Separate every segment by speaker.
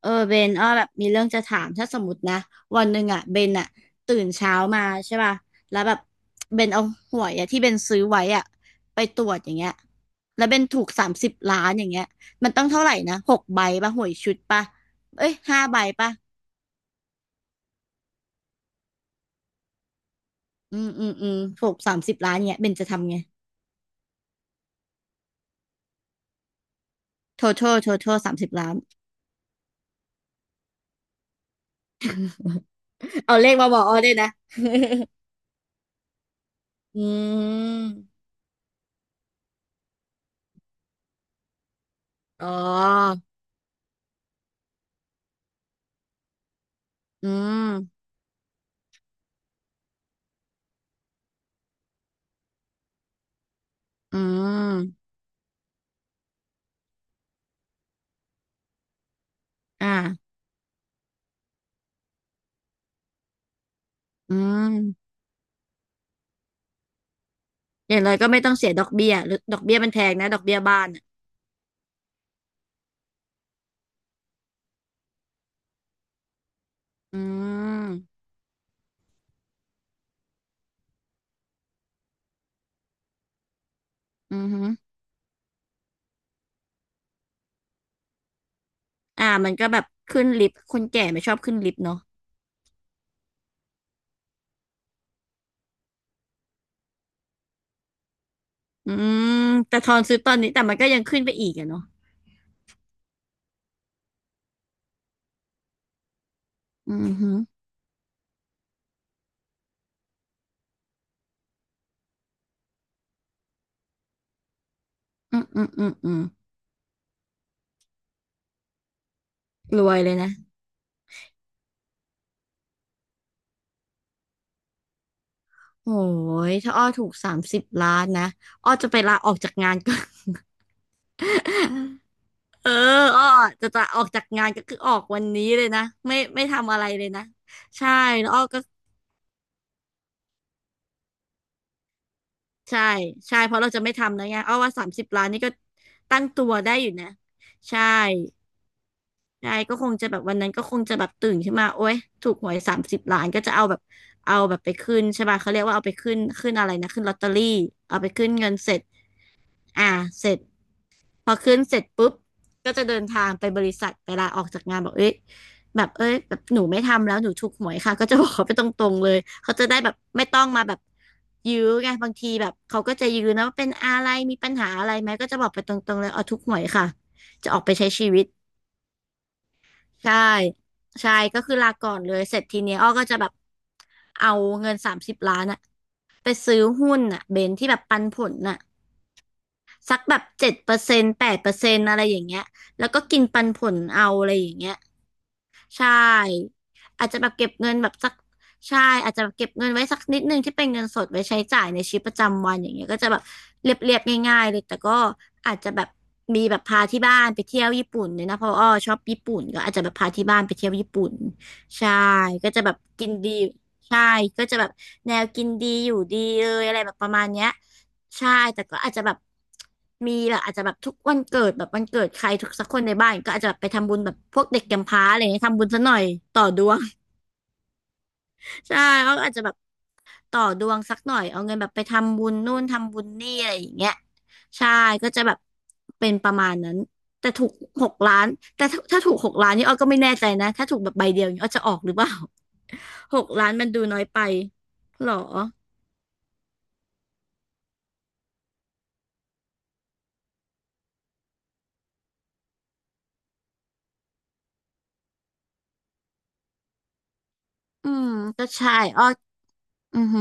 Speaker 1: เออเบนอ้อแบบมีเรื่องจะถามถ้าสมมตินะวันหนึ่งอ่ะเบนอ่ะตื่นเช้ามาใช่ป่ะแล้วแบบเบนเอาหวยอ่ะที่เบนซื้อไว้อ่ะไปตรวจอย่างเงี้ยแล้วเบนถูกสามสิบล้านอย่างเงี้ยมันต้องเท่าไหร่นะ6 ใบป่ะหวยชุดป่ะเอ้ย5 ใบป่ะถูกสามสิบล้านเงี้ยเบนจะทำไง total 30 ล้านเอาเลขมาบอกอ้อด้วยนะ อืมอ๋ออืมอืมอ่าอืม อย่างไรก็ไม่ต้องเสียดอกเบี้ยหรือดอกเบี้ยมันแพงนะดอกเบี้ยบ้านอ่ะอืมอือฮึอ่ามันก็แบบขึ้นลิฟต์คนแก่ไม่ชอบขึ้นลิฟต์เนาะอืมแต่ทอนซื้อตอนนี้แต่มันก็ยังขึ้นไปอีกอะเนาะอือฮึอืมอืมอืมอืมรวยเลยนะโอ้ยถ้าอ้อถูกสามสิบล้านนะอ้อจะไปลาออกจากงานก่อน เอออ้อจะออกจากงานก็คือออกวันนี้เลยนะไม่ทำอะไรเลยนะใช่แล้วอ้อก็ ใช่ใช่เพราะเราจะไม่ทำแล้วไงเอาว่าสามสิบล้านนี่ก็ตั้งตัวได้อยู่นะใช่ใช่ก็คงจะแบบวันนั้นก็คงจะแบบตื่นขึ้นมาโอ๊ยถูกหวยสามสิบล้านก็จะเอาแบบเอาแบบไปขึ้นใช่ป่ะเขาเรียกว่าเอาไปขึ้นขึ้นอะไรนะขึ้นลอตเตอรี่เอาไปขึ้นเงินเสร็จอ่าเสร็จ พอขึ้นเสร็จปุ๊บก็จะเดินทางไปบริษัทเวลาออกจากงานบอกเอ้ยแบบเอ้ยแบบหนูไม่ทำแล้วหนูถูกหวยค่ะก็จะบอกเขาไปตรงๆเลยเขาจะได้แบบไม่ต้องมาแบบยื้อไงบางทีแบบเขาก็จะยื้อนะว่าเป็นอะไรมีปัญหาอะไรไหมก็จะบอกไปตรงๆเลยเอาถูกหวยค่ะจะออกไปใช้ชีวิตใช่ใช่ก็คือลาก่อนเลยเสร็จทีเนี้ยอ้อก็จะแบบเอาเงินสามสิบล้านอะไปซื้อหุ้นอะเบนที่แบบปันผลน่ะ สักแบบ7%8%อะไรอย่างเงี้ยแล้วก็กินปันผลเอาอะไรอย่างเงี้ยใช่อาจจะแบบเก็บเงินแบบสักใช่อาจจะแบบเก็บเงินไว้สักนิดนึงที่เป็นเงินสดไว้ใช้จ่ายในชีวิตประจำวันอย่างเงี้ยก็จะแบบเรียบๆง่ายๆเลยแต่ก็อาจจะแบบมีแบบพาที่บ้านไปเที่ยวญี่ปุ่นเนี่ยนะเพราะอ้อชอบญี่ปุ่นก็อาจจะแบบพาที่บ้านไปเที่ยวญี่ปุ่นใช่ก็จะแบบกินดีใช่ก็จะแบบแนวกินดีอยู่ดีเลยอะไรแบบประมาณเนี้ย ใช่แต่ก็อาจจะแบบมีแบบอาจจะแบบทุกวันเกิดแบบวันเกิดใครทุกสักคนในบ้านก็อาจจะแบบไปทำบุญแบบพวกเด็กกำพร้าอะไรเงี้ยทำบุญซะหน่อยต่อดวง ใช่เขาอาจจะแบบต่อดวงสักหน่อยเอาเงินแบบไปทำบุญนู่นทำบุญนี่อะไรอย่างเงี้ยใช่ก็จะแบบเป็นประมาณนั้นแต่ถูกหกล้านแต่ถ้าถูกหกล้านนี่อ้อก็ไม่แน่ใจนะถ้าถูกแบบใบเดียวนี่อ้อจะออกหรือเปล่า หกล้านมันดูน้อยไปหรออืมก็ใช่อ้ออือฮึ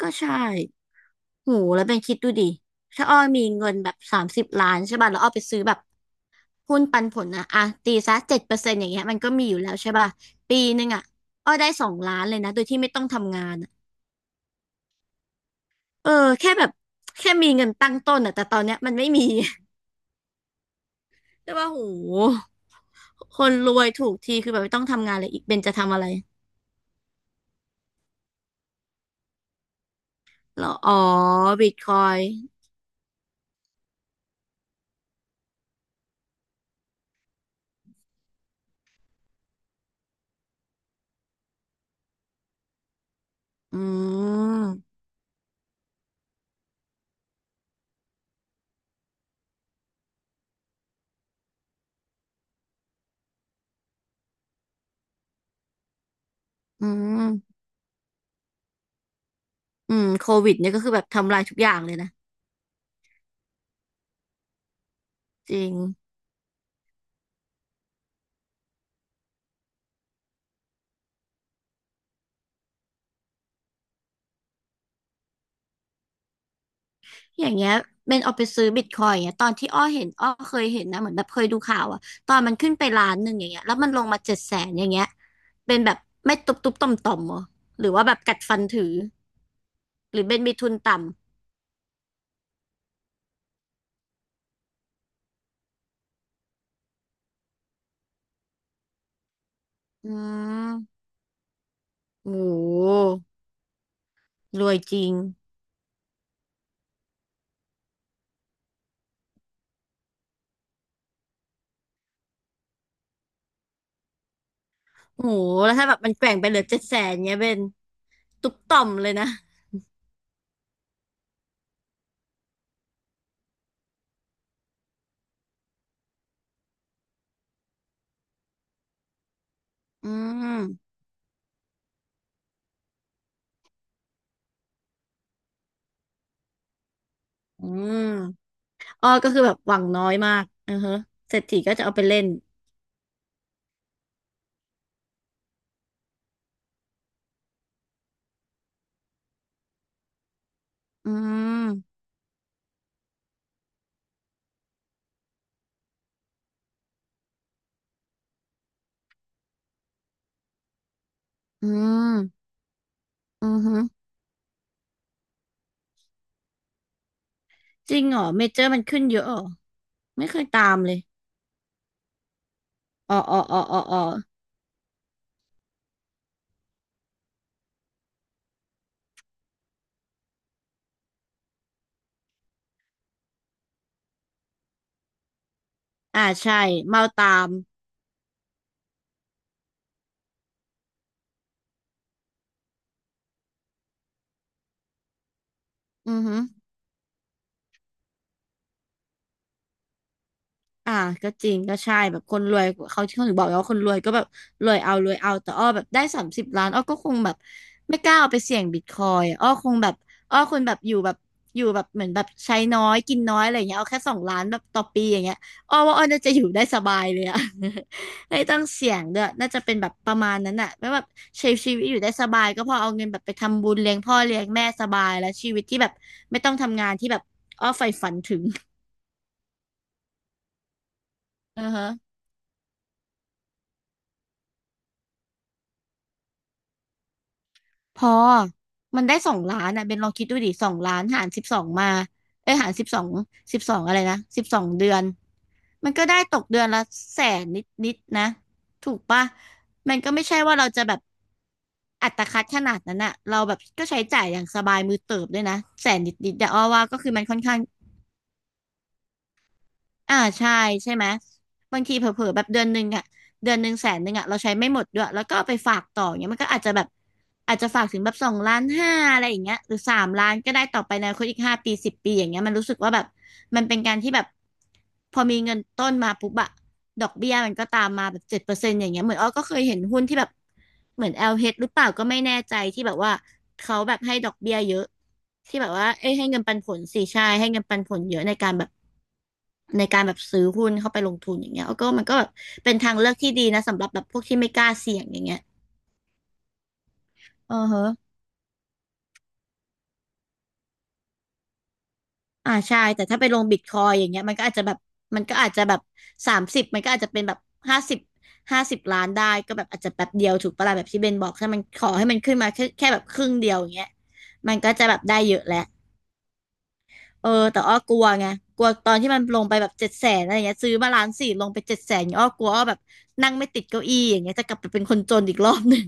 Speaker 1: ก็ใช่ โหแล้วเป็นคิดดูดิถ้าอ้อมีเงินแบบสามสิบล้านใช่ป่ะแล้วอ้อไปซื้อแบบหุ้นปันผลนะอ่ะ ตีซะ7%อย่างเงี้ยมันก็มีอยู่แล้วใช่ป่ะปีหนึ่งอ่ะอ้อได้2 ล้านเลยนะ โดยที่ไม่ต้องทำงานอะเออ แค่แบบแค่มีเงินตั้งต้นอ่ะ แต่ตอนเนี้ยมันไม่มี แต่ว่ะโหคนรวยถูกทีคือแบบไม่ต้องทำงานเลยอีกเบนจะทำอะไรเหรออ๋อบิตคอยอืมอืมอืมโควิดเนี่ยก็คือแบบทำลายทุกอย่างเลยนะจริง อย่างเงี้ยเป็นเอาไปซื้อบิตคอยน์อย่างเงี้ยตอนที่อ้อเห็นอ้อเคยเห็นนะเหมือนแบบเคยดูข่าวอะตอนมันขึ้นไปล้านหนึ่งอย่างเงี้ยแล้วมันลงมาเจ็ดแสนอย่างเงี้ยเป็นแบบไม่ตุบตุบต่อมต่อมๆเหรอหรือว่าแบบกัดฟันถือหรือเป็นมีทุนต่ำอืมโหรวยจริงโหแล้วถ้าแบบมันแกว่งไปเหลือเจ็ดแสนเงี้ยเป็นตุบต่อมเลยนะอืมอืมอ้อก็คือแบบหวังน้อยมากอือฮะเศรษฐีก็จะเอาไปเล่นอืมอืมอือฮึ จริงเหรอเมเจอร์มันขึ้นเยอะเหรอไม่เคยตามเลยอ๋ออ๋ออ๋ออ๋ออ๋ออ่าใช่เมาตามอือฮึ อ่าก็จริงก็ใช่แบบคนรวยเขาที่เขาถึงบอกไงว่าคนรวยก็แบบรวยเอารวยเอาแต่อ้อแบบได้30 ล้านอ้อก็คงแบบไม่กล้าเอาไปเสี่ยงบิตคอยอ้อคงแบบอ้อคงแบบอยู่แบบอยู่แบบเหมือนแบบใช้น้อยกินน้อยอะไรอย่างเงี้ยเอาแค่สองล้านแบบต่อปีอย่างเงี้ยอ้อว่าอ้อน่าจะอยู่ได้สบายเลยอะ ไม่ต้องเสี่ยงด้วยน่าจะเป็นแบบประมาณนั้นอะไม่แบบใช้ชีวิตอยู่ได้สบายก็พอเอาเงินแบบไปทำบุญเลี้ยงพ่อเลี้ยงแม่สบายแล้วชีวิตที่แบบไม่ต้องทำงานที่แบบอ้อใฝ่ฝันถึง อือฮะ พอมันได้2 ล้านอ่ะเบนลองคิดดูดิสองล้านหารสิบสองมาเอ้ยหารสิบสองสิบสองอะไรนะ12 เดือนมันก็ได้ตกเดือนละแสนนิดนิดนะถูกปะมันก็ไม่ใช่ว่าเราจะแบบอัตคัดขนาดนั้นอะเราแบบก็ใช้จ่ายอย่างสบายมือเติบด้วยนะแสนนิดนิดแต่อ้อว่าก็คือมันค่อนข้าง อ่าใช่ใช่ไหมบางทีเผลอๆแบบเดือนหนึ่งอะเดือนหนึ่งแสนหนึ่งอะเราใช้ไม่หมดด้วยแล้วก็เอาไปฝากต่ออย่างเงี้ยมันก็อาจจะแบบอาจจะฝากถึงแบบ2.5 ล้านอะไรอย่างเงี้ยหรือ3 ล้านก็ได้ต่อไปในคนอีก5 ปี10 ปีอย่างเงี้ยมันรู้สึกว่าแบบมันเป็นการที่แบบพอมีเงินต้นมาปุ๊บอะ ดอกเบี้ยมันก็ตามมาแบบเจ็ดเปอร์เซ็นต์อย่างเงี้ยเหมือนอ้อก็เคยเห็นหุ้นที่แบบเหมือน LH หรือเปล่าก็ไม่แน่ใจที่แบบว่าเขาแบบให้ดอกเบี้ยเยอะที่แบบว่าเอ้ยให้เงินปันผลสี่ใช่ให้เงินปันผลเยอะในการแบบซื้อหุ้นเข้าไปลงทุนอย่างเงี้ยอ้อก็มันก็แบบเป็นทางเลือกที่ดีนะสำหรับแบบพวกที่ไม่กล้าเสี่ยงอย่างเงี้ยอือฮะ อ่าใช่แต่ถ้าไปลงบิตคอยอย่างเงี้ยมันก็อาจจะแบบมันก็อาจจะแบบสามสิบมันก็อาจจะเป็นแบบห้าสิบ50 ล้านได้ก็แบบอาจจะแป๊บเดียวถูกปะล่ะแบบที่เบนบอกถ้ามันขอให้มันขึ้นมาแค่แบบครึ่งเดียวอย่างเงี้ยมันก็จะแบบได้เยอะแหละเออแต่อ้อกลัวไงกลัวตอนที่มันลงไปแบบเจ็ดแสนอะไรเงี้ยซื้อมาล้านสี่ลงไปเจ็ดแสนอ้อกลัวอ้อแบบนั่งไม่ติดเก้าอี้อย่างเงี้ยจะกลับไปเป็นคนจนอีกรอบหนึ่ง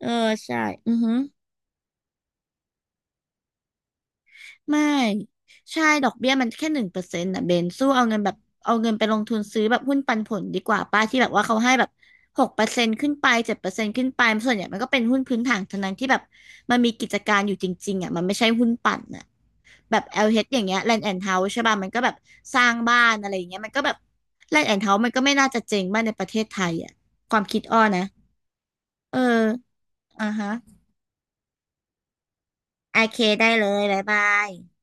Speaker 1: เออใช่อือฮึ ไม่ใช่ดอกเบี้ยมันแค่1%นะเบนสู้เอาเงินแบบเอาเงินไปลงทุนซื้อแบบหุ้นปันผลดีกว่าป้าที่แบบว่าเขาให้แบบ6%ขึ้นไปเจ็ดเปอร์เซ็นต์ขึ้นไปส่วนใหญ่มันก็เป็นหุ้นพื้นฐานทั้งนั้นที่แบบมันมีกิจการอยู่จริงๆอ่ะมันไม่ใช่หุ้นปั่นอ่ะแบบ LH อลเอชอย่างเงี้ย Land and House ใช่ป่ะมันก็แบบสร้างบ้านอะไรอย่างเงี้ยมันก็แบบ Land and House มันก็ไม่น่าจะเจ๊งบ้านในประเทศไทยอ่ะความคิดอ้อนะเอออ่าฮะโอเคได้เลยบ๊ายบาย